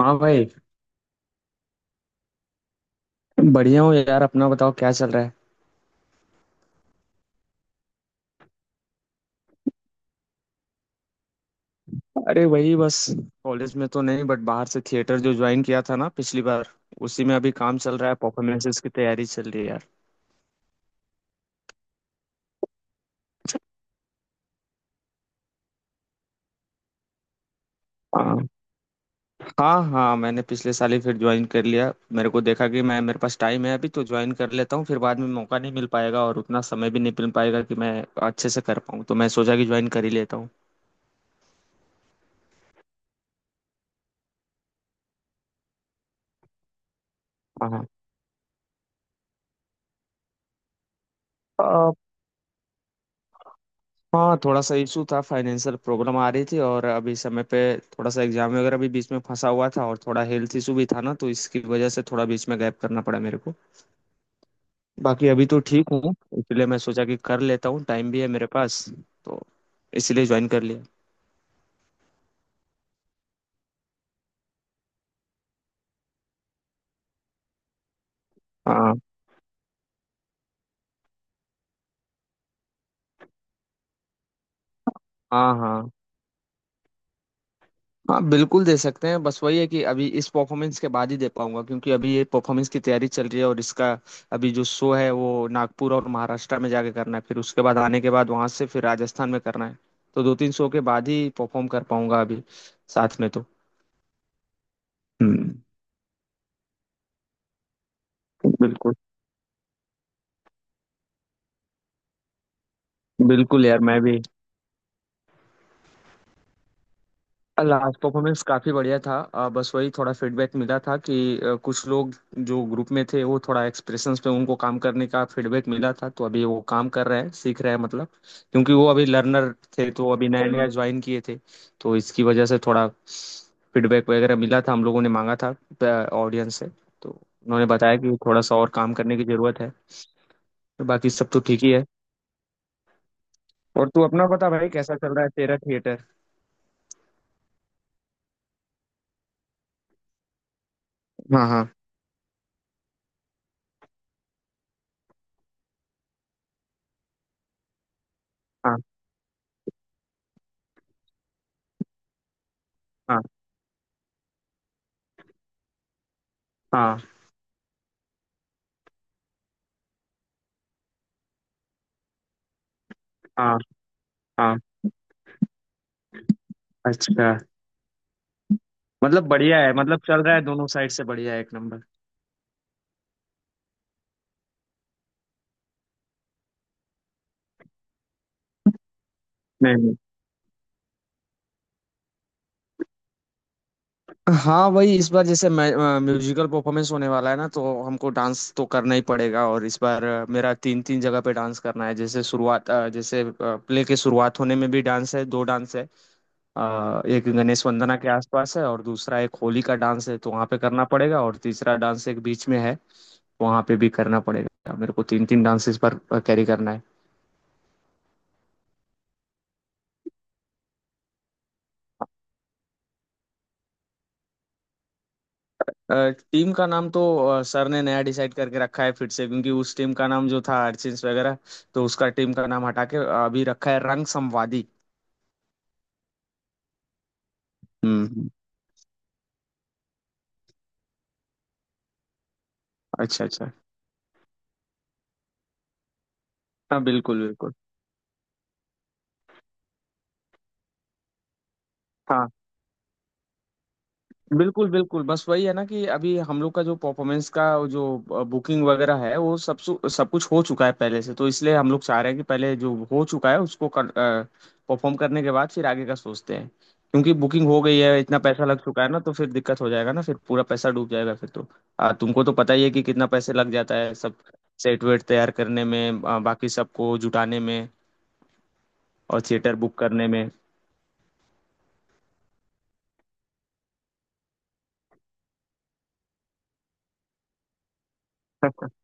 हाँ भाई। बढ़िया हूँ यार, अपना बताओ क्या चल रहा है। अरे वही बस, कॉलेज में तो नहीं बट बाहर से थिएटर जो ज्वाइन किया था ना पिछली बार, उसी में अभी काम चल रहा है। परफॉर्मेंसेस की तैयारी चल रही है यार। हाँ हाँ, हाँ मैंने पिछले साल ही फिर ज्वाइन कर लिया। मेरे को देखा कि मैं, मेरे पास टाइम है अभी तो ज्वाइन कर लेता हूँ, फिर बाद में मौका नहीं मिल पाएगा और उतना समय भी नहीं मिल पाएगा कि मैं अच्छे से कर पाऊँ, तो मैं सोचा कि ज्वाइन कर ही लेता हूँ। हाँ हाँ, थोड़ा सा इशू था। फाइनेंशियल प्रॉब्लम आ रही थी और अभी समय पे थोड़ा सा एग्जाम वगैरह भी बीच में फंसा हुआ था, और थोड़ा हेल्थ इशू भी था ना, तो इसकी वजह से थोड़ा बीच में गैप करना पड़ा मेरे को। बाकी अभी तो ठीक हूँ। इसलिए मैं सोचा कि कर लेता हूँ, टाइम भी है मेरे पास। तो इसलिए ज्वाइन कर लिया। हाँ हाँ। हाँ हाँ बिल्कुल दे सकते हैं, बस वही है कि अभी इस परफॉर्मेंस के बाद ही दे पाऊंगा क्योंकि अभी ये परफॉर्मेंस की तैयारी चल रही है। और इसका अभी जो शो है वो नागपुर और महाराष्ट्र में जाके करना है, फिर उसके बाद आने के बाद वहां से फिर राजस्थान में करना है। तो दो तीन शो के बाद ही परफॉर्म कर पाऊंगा अभी साथ में तो। हम्म। बिल्कुल बिल्कुल यार मैं भी। लास्ट परफॉर्मेंस काफ़ी बढ़िया था, बस वही थोड़ा फीडबैक मिला था कि कुछ लोग जो ग्रुप में थे वो थोड़ा एक्सप्रेशंस पे, उनको काम करने का फीडबैक मिला था। तो अभी वो काम कर रहे हैं, सीख रहे हैं, मतलब क्योंकि वो अभी लर्नर थे, तो अभी नया नया ज्वाइन किए थे। तो इसकी वजह से थोड़ा फीडबैक वगैरह मिला था, हम लोगों ने मांगा था ऑडियंस से। तो उन्होंने बताया कि थोड़ा सा और काम करने की ज़रूरत है। तो बाकी सब तो ठीक ही है। और तू अपना बता भाई, कैसा चल रहा है तेरा थिएटर। हाँ हाँ हाँ हाँ हाँ हाँ हाँ। अच्छा, मतलब बढ़िया है, मतलब चल रहा है दोनों साइड से बढ़िया है एक नंबर। नहीं नहीं। हाँ वही, इस बार जैसे म्यूजिकल परफॉर्मेंस होने वाला है ना, तो हमको डांस तो करना ही पड़ेगा। और इस बार मेरा तीन तीन जगह पे डांस करना है। जैसे शुरुआत, जैसे प्ले के शुरुआत होने में भी डांस है, दो डांस है। एक गणेश वंदना के आसपास है और दूसरा एक होली का डांस है, तो वहाँ पे करना पड़ेगा। और तीसरा डांस एक बीच में है, वहाँ पे भी करना पड़ेगा मेरे को। तीन तीन डांस इस बार कैरी करना है। टीम का नाम तो सर ने नया डिसाइड करके रखा है फिर से, क्योंकि उस टीम का नाम जो था अर्चिन्स वगैरह, तो उसका टीम का नाम हटा के अभी रखा है रंग संवादी। हम्म हम्म, अच्छा अच्छा। हाँ बिल्कुल बिल्कुल। हाँ, बिल्कुल बिल्कुल बस वही है ना कि अभी हम लोग का जो परफॉर्मेंस का जो बुकिंग वगैरह है वो सब सु- सब कुछ हो चुका है पहले से तो इसलिए हम लोग चाह रहे हैं कि पहले जो हो चुका है उसको परफॉर्म करने के बाद फिर आगे का सोचते हैं क्योंकि बुकिंग हो गई है इतना पैसा लग चुका है ना तो फिर दिक्कत हो जाएगा ना फिर पूरा पैसा डूब जाएगा फिर तो आ, तुमको तो पता ही है कि कितना पैसे लग जाता है सब सेट वेट तैयार करने में आ, बाकी सबको जुटाने में और थिएटर बुक करने में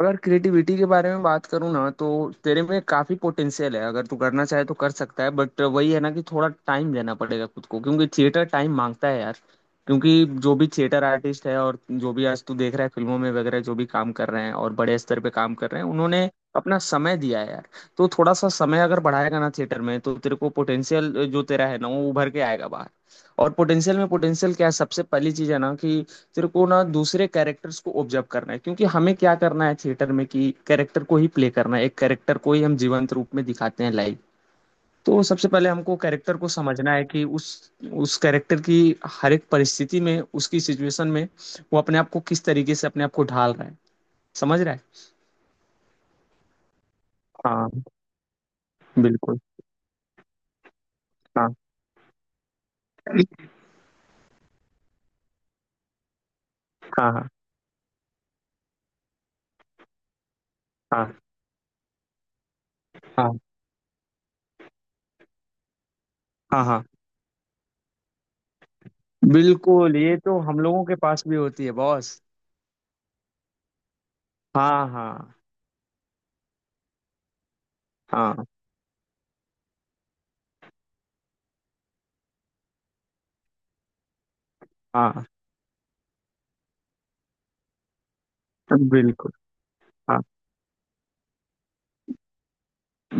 अगर क्रिएटिविटी के बारे में बात करूँ ना तो तेरे में काफी पोटेंशियल है अगर तू करना चाहे तो कर सकता है बट वही है ना कि थोड़ा टाइम देना पड़ेगा खुद को क्योंकि थिएटर टाइम मांगता है यार क्योंकि जो भी थिएटर आर्टिस्ट है और जो भी आज तू देख रहा है फिल्मों में वगैरह जो भी काम कर रहे हैं और बड़े स्तर पे काम कर रहे हैं उन्होंने अपना समय दिया है यार तो थोड़ा सा समय अगर बढ़ाएगा ना थिएटर में तो तेरे को पोटेंशियल जो तेरा है ना वो उभर के आएगा बाहर और पोटेंशियल में पोटेंशियल क्या है सबसे पहली चीज है ना कि तेरे को ना दूसरे कैरेक्टर्स को ऑब्जर्व करना है क्योंकि हमें क्या करना है थिएटर में कि कैरेक्टर को ही प्ले करना है एक कैरेक्टर को ही हम जीवंत रूप में दिखाते हैं लाइव तो सबसे पहले हमको कैरेक्टर को समझना है कि उस कैरेक्टर की हर एक परिस्थिति में उसकी सिचुएशन में वो अपने आप को किस तरीके से अपने आप को ढाल रहा है समझ रहा है हाँ बिल्कुल हाँ हाँ हाँ हाँ हाँ हाँ हाँ बिल्कुल ये तो हम लोगों के पास भी होती है बॉस हाँ हाँ हाँ हाँ, बिल्कुल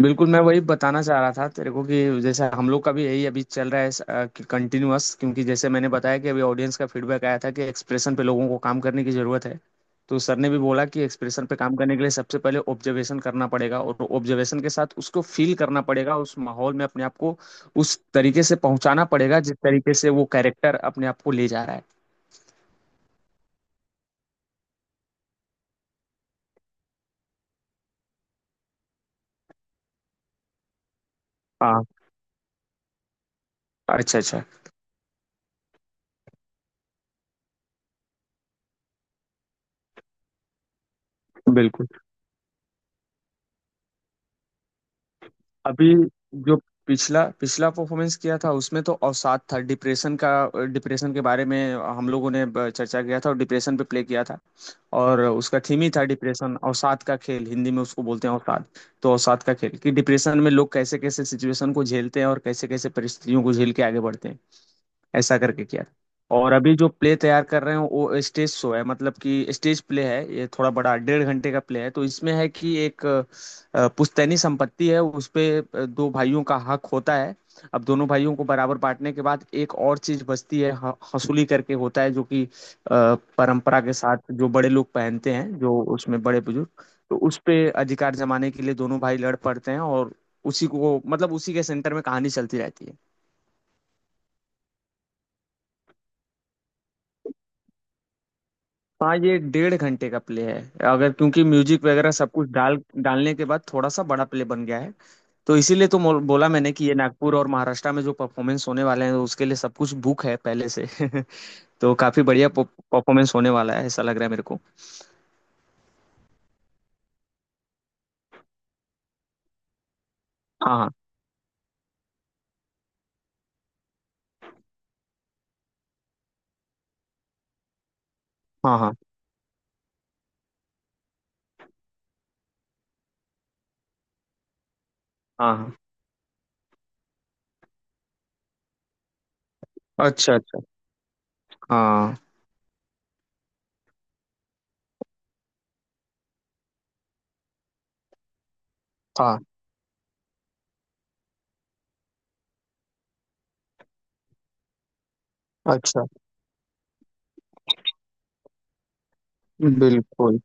बिल्कुल, मैं वही बताना चाह रहा था तेरे को कि जैसे हम लोग का भी यही अभी चल रहा है कंटिन्यूअस, क्योंकि जैसे मैंने बताया कि अभी ऑडियंस का फीडबैक आया था कि एक्सप्रेशन पे लोगों को काम करने की ज़रूरत है। तो सर ने भी बोला कि एक्सप्रेशन पे काम करने के लिए सबसे पहले ऑब्जर्वेशन करना पड़ेगा, और ऑब्जर्वेशन के साथ उसको फील करना पड़ेगा, उस माहौल में अपने आप को उस तरीके से पहुंचाना पड़ेगा जिस तरीके से वो कैरेक्टर अपने आप को ले जा रहा है। हाँ, अच्छा अच्छा, बिल्कुल। अभी जो पिछला पिछला परफॉर्मेंस किया था उसमें तो अवसाद था, डिप्रेशन का। डिप्रेशन के बारे में हम लोगों ने चर्चा किया था और डिप्रेशन पे प्ले किया था। और उसका थीम ही था डिप्रेशन, अवसाद का खेल, हिंदी में उसको बोलते हैं अवसाद। तो अवसाद का खेल कि डिप्रेशन में लोग कैसे कैसे सिचुएशन को झेलते हैं और कैसे कैसे परिस्थितियों को झेल के आगे बढ़ते हैं, ऐसा करके किया था। और अभी जो प्ले तैयार कर रहे हैं वो स्टेज शो है, मतलब कि स्टेज प्ले है। ये थोड़ा बड़ा डेढ़ घंटे का प्ले है। तो इसमें है कि एक पुश्तैनी संपत्ति है, उस पे दो भाइयों का हक होता है। अब दोनों भाइयों को बराबर बांटने के बाद एक और चीज बचती है, हसूली करके होता है, जो कि परंपरा के साथ जो बड़े लोग पहनते हैं, जो उसमें बड़े बुजुर्ग। तो उस पे अधिकार जमाने के लिए दोनों भाई लड़ पड़ते हैं, और उसी को मतलब उसी के सेंटर में कहानी चलती रहती है। हाँ ये डेढ़ घंटे का प्ले है। अगर क्योंकि म्यूजिक वगैरह सब कुछ डालने के बाद थोड़ा सा बड़ा प्ले बन गया है। तो इसीलिए तो बोला मैंने कि ये नागपुर और महाराष्ट्र में जो परफॉर्मेंस होने वाले हैं उसके लिए सब कुछ बुक है पहले से। तो काफी बढ़िया परफॉर्मेंस होने वाला है ऐसा लग रहा है मेरे को। हाँ हाँ हाँ हाँ हाँ हाँ। अच्छा अच्छा। हाँ हाँ अच्छा बिल्कुल।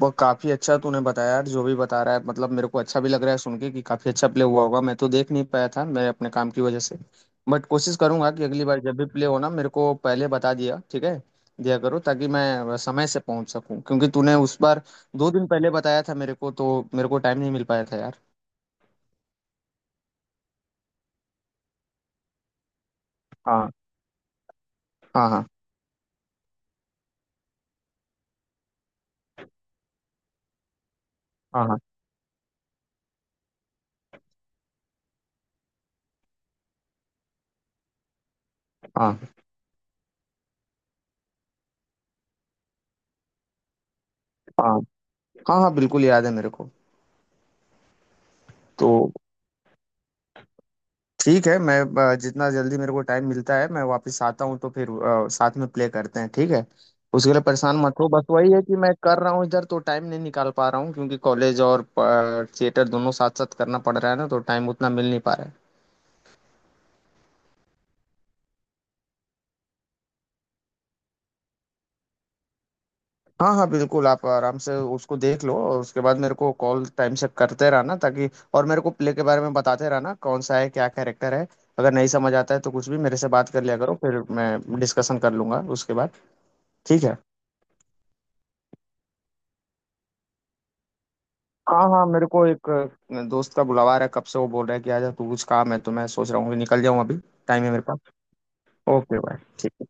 वो काफी अच्छा तूने बताया यार, जो भी बता रहा है मतलब मेरे को अच्छा भी लग रहा है सुन के कि काफी अच्छा प्ले हुआ होगा। मैं तो देख नहीं पाया था मैं, अपने काम की वजह से। बट कोशिश करूंगा कि अगली बार जब भी प्ले हो ना मेरे को पहले बता दिया ठीक है, दिया करो ताकि मैं समय से पहुंच सकूं। क्योंकि तूने उस बार 2 दिन पहले बताया था मेरे को तो मेरे को टाइम नहीं मिल पाया था यार। हाँ हाँ हाँ हाँ हाँ हाँ हाँ हाँ हाँ बिल्कुल याद है मेरे को। तो ठीक है, मैं जितना जल्दी मेरे को टाइम मिलता है मैं वापस आता हूँ तो फिर साथ में प्ले करते हैं ठीक है। उसके लिए परेशान मत हो, बस वही है कि मैं कर रहा हूँ इधर तो टाइम नहीं निकाल पा रहा हूँ क्योंकि कॉलेज और थिएटर दोनों साथ साथ करना पड़ रहा है ना तो टाइम उतना मिल नहीं पा रहा है। हाँ हाँ बिल्कुल, आप आराम से उसको देख लो और उसके बाद मेरे को कॉल टाइम से करते रहना ताकि, और मेरे को प्ले के बारे में बताते रहना कौन सा है क्या कैरेक्टर है। अगर नहीं समझ आता है तो कुछ भी मेरे से बात कर लिया करो, फिर मैं डिस्कशन कर लूंगा उसके बाद। ठीक है। हाँ हाँ मेरे को एक दोस्त का बुलावा आ रहा है, कब से वो बोल रहा है कि आजा तू कुछ काम है, तो मैं सोच रहा हूँ कि निकल जाऊँ अभी, टाइम है मेरे पास। ओके बाय ठीक है।